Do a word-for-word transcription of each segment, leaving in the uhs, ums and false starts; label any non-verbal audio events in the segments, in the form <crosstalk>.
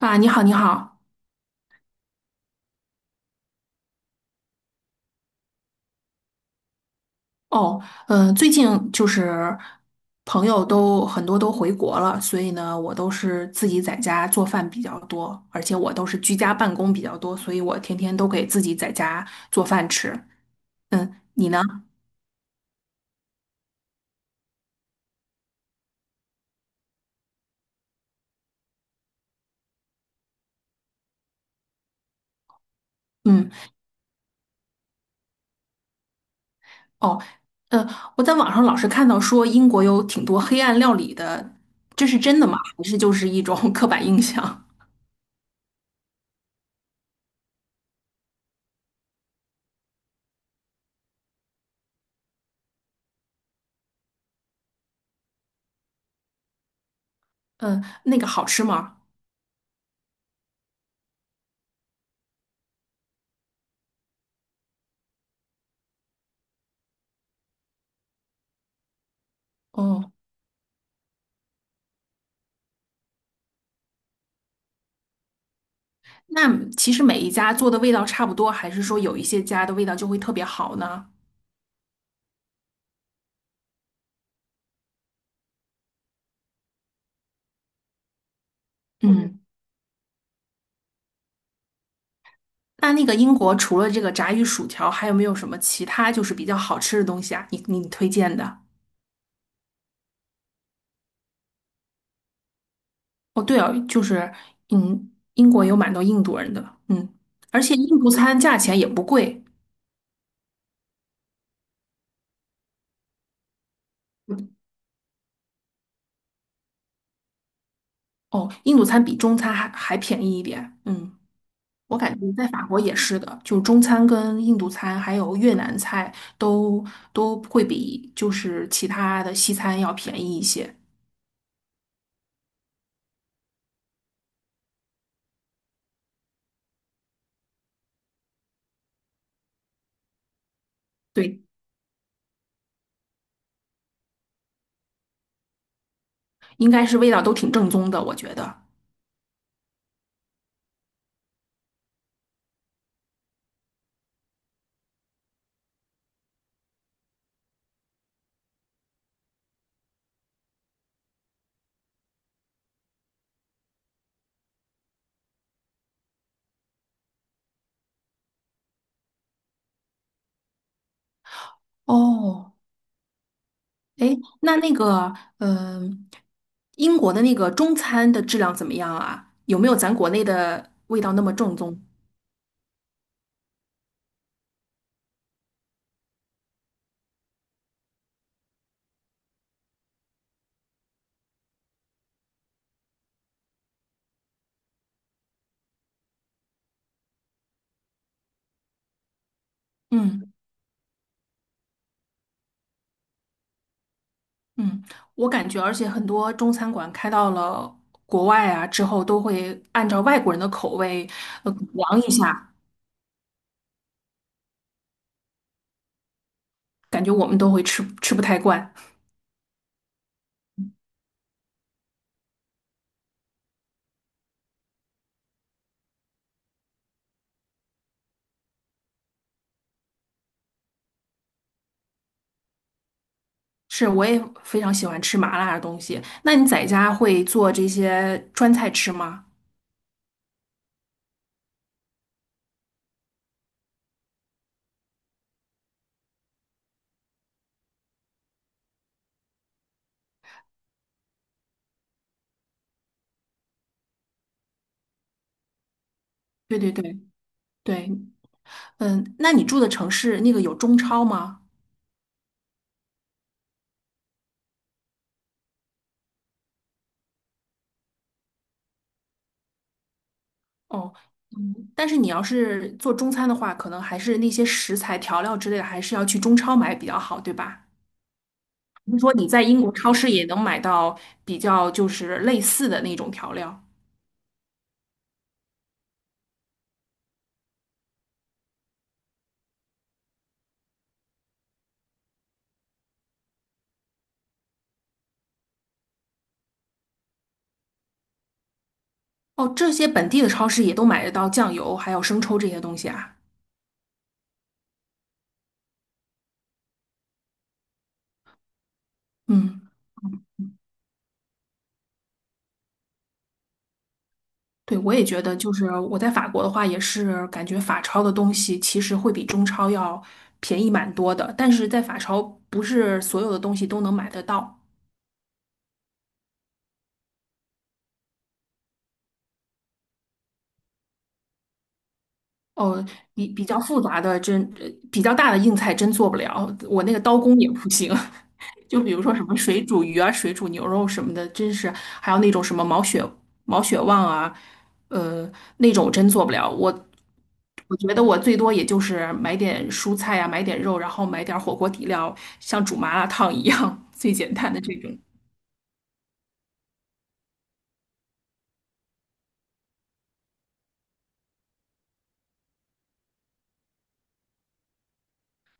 啊，你好，你好。哦，嗯，最近就是朋友都很多都回国了，所以呢，我都是自己在家做饭比较多，而且我都是居家办公比较多，所以我天天都给自己在家做饭吃。嗯，你呢？嗯，哦，呃，我在网上老是看到说英国有挺多黑暗料理的，这是真的吗？还是就是一种 <laughs> 刻板印象？嗯，那个好吃吗？哦。那其实每一家做的味道差不多，还是说有一些家的味道就会特别好呢？嗯。嗯那那个英国除了这个炸鱼薯条，还有没有什么其他就是比较好吃的东西啊？你你推荐的？哦，对哦，就是嗯，英国有蛮多印度人的，嗯，而且印度餐价钱也不贵，哦，印度餐比中餐还还便宜一点，嗯。我感觉在法国也是的，就中餐跟印度餐还有越南菜都都会比就是其他的西餐要便宜一些。对，应该是味道都挺正宗的，我觉得。哦，哎，那那个，嗯、英国的那个中餐的质量怎么样啊？有没有咱国内的味道那么正宗？嗯嗯，我感觉，而且很多中餐馆开到了国外啊之后，都会按照外国人的口味呃改良一下。感觉我们都会吃吃不太惯。是，我也非常喜欢吃麻辣的东西。那你在家会做这些川菜吃吗？对对对对，嗯，那你住的城市那个有中超吗？哦，嗯，但是你要是做中餐的话，可能还是那些食材、调料之类的，还是要去中超买比较好，对吧？听说你在英国超市也能买到比较就是类似的那种调料哦，这些本地的超市也都买得到酱油还有生抽这些东西啊。嗯。对，我也觉得，就是我在法国的话，也是感觉法超的东西其实会比中超要便宜蛮多的，但是在法超不是所有的东西都能买得到。哦，比比较复杂的真，呃比较大的硬菜真做不了，我那个刀工也不行。<laughs> 就比如说什么水煮鱼啊、水煮牛肉什么的，真是还有那种什么毛血毛血旺啊，呃，那种我真做不了。我我觉得我最多也就是买点蔬菜啊，买点肉，然后买点火锅底料，像煮麻辣烫一样最简单的这种。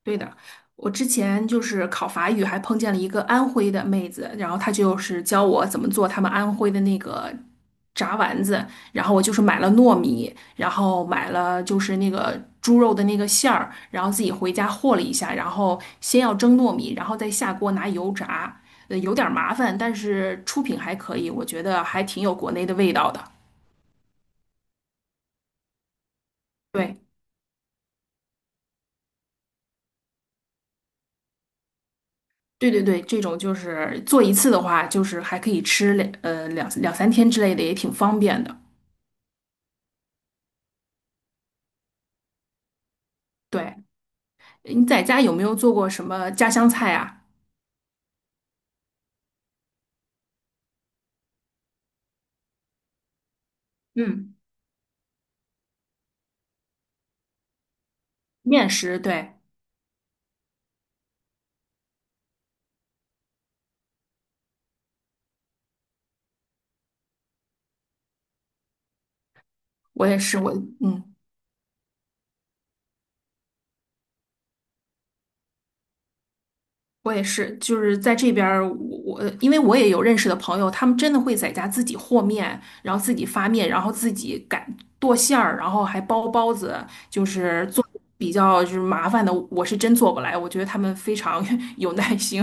对的，我之前就是考法语，还碰见了一个安徽的妹子，然后她就是教我怎么做他们安徽的那个炸丸子，然后我就是买了糯米，然后买了就是那个猪肉的那个馅儿，然后自己回家和了一下，然后先要蒸糯米，然后再下锅拿油炸，呃，有点儿麻烦，但是出品还可以，我觉得还挺有国内的味道的。对。对对对，这种就是做一次的话，就是还可以吃两呃两两三天之类的，也挺方便的。对，你在家有没有做过什么家乡菜啊？嗯，面食，对，我也是，我嗯，我也是，就是在这边儿，我我因为我也有认识的朋友，他们真的会在家自己和面，然后自己发面，然后自己擀剁馅儿，然后还包包子，就是做比较就是麻烦的，我是真做不来，我觉得他们非常 <laughs> 有耐心。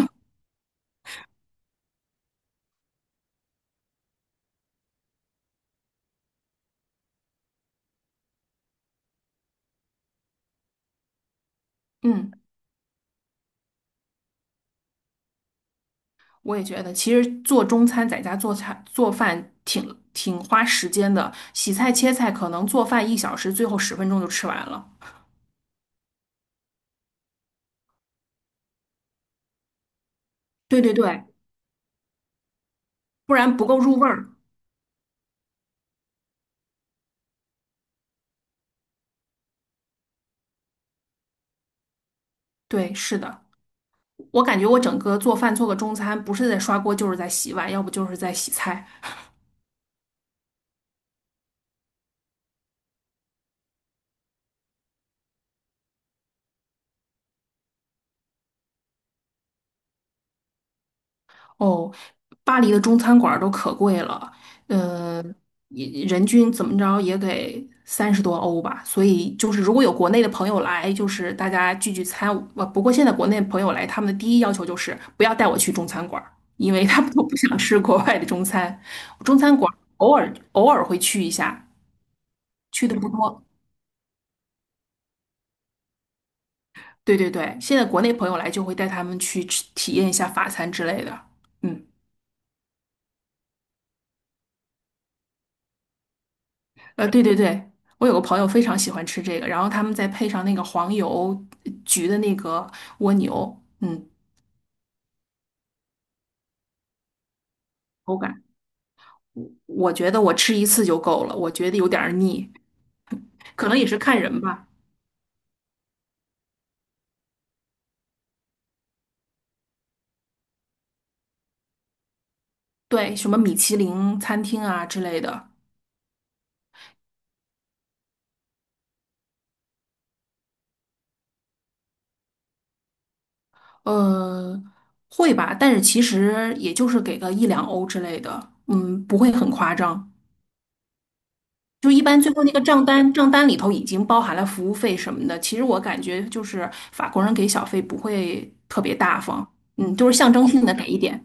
嗯。我也觉得，其实做中餐在家做菜做饭挺挺花时间的，洗菜切菜可能做饭一小时，最后十分钟就吃完了。对对对，不然不够入味儿。对，是的，我感觉我整个做饭做个中餐，不是在刷锅就是在洗碗，要不就是在洗菜。哦，巴黎的中餐馆儿都可贵了，呃，也人均怎么着也得三十多欧吧。所以就是如果有国内的朋友来，就是大家聚聚餐。呃，不过现在国内朋友来，他们的第一要求就是不要带我去中餐馆儿因为他们都不想吃国外的中餐。中餐馆儿偶尔偶尔会去一下，去的不多。对对对，现在国内朋友来就会带他们去吃体验一下法餐之类的。嗯。呃，对对对，我有个朋友非常喜欢吃这个，然后他们再配上那个黄油焗的那个蜗牛，嗯，口感，我我觉得我吃一次就够了，我觉得有点儿腻，可能也是看人吧。对，什么米其林餐厅啊之类的，呃，会吧，但是其实也就是给个一两欧之类的，嗯，不会很夸张。就一般最后那个账单，账单里头已经包含了服务费什么的。其实我感觉就是法国人给小费不会特别大方，嗯，就是象征性的给一点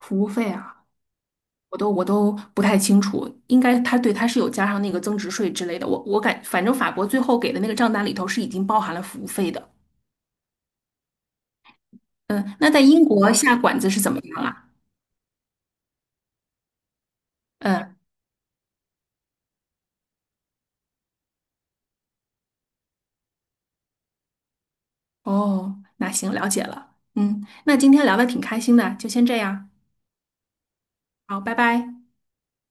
服务费啊，我都我都不太清楚，应该他对他是有加上那个增值税之类的。我我感反正法国最后给的那个账单里头是已经包含了服务费的。嗯，那在英国下馆子是怎么样啊？嗯，哦，那行，了解了。嗯，那今天聊的挺开心的，就先这样，好，拜拜。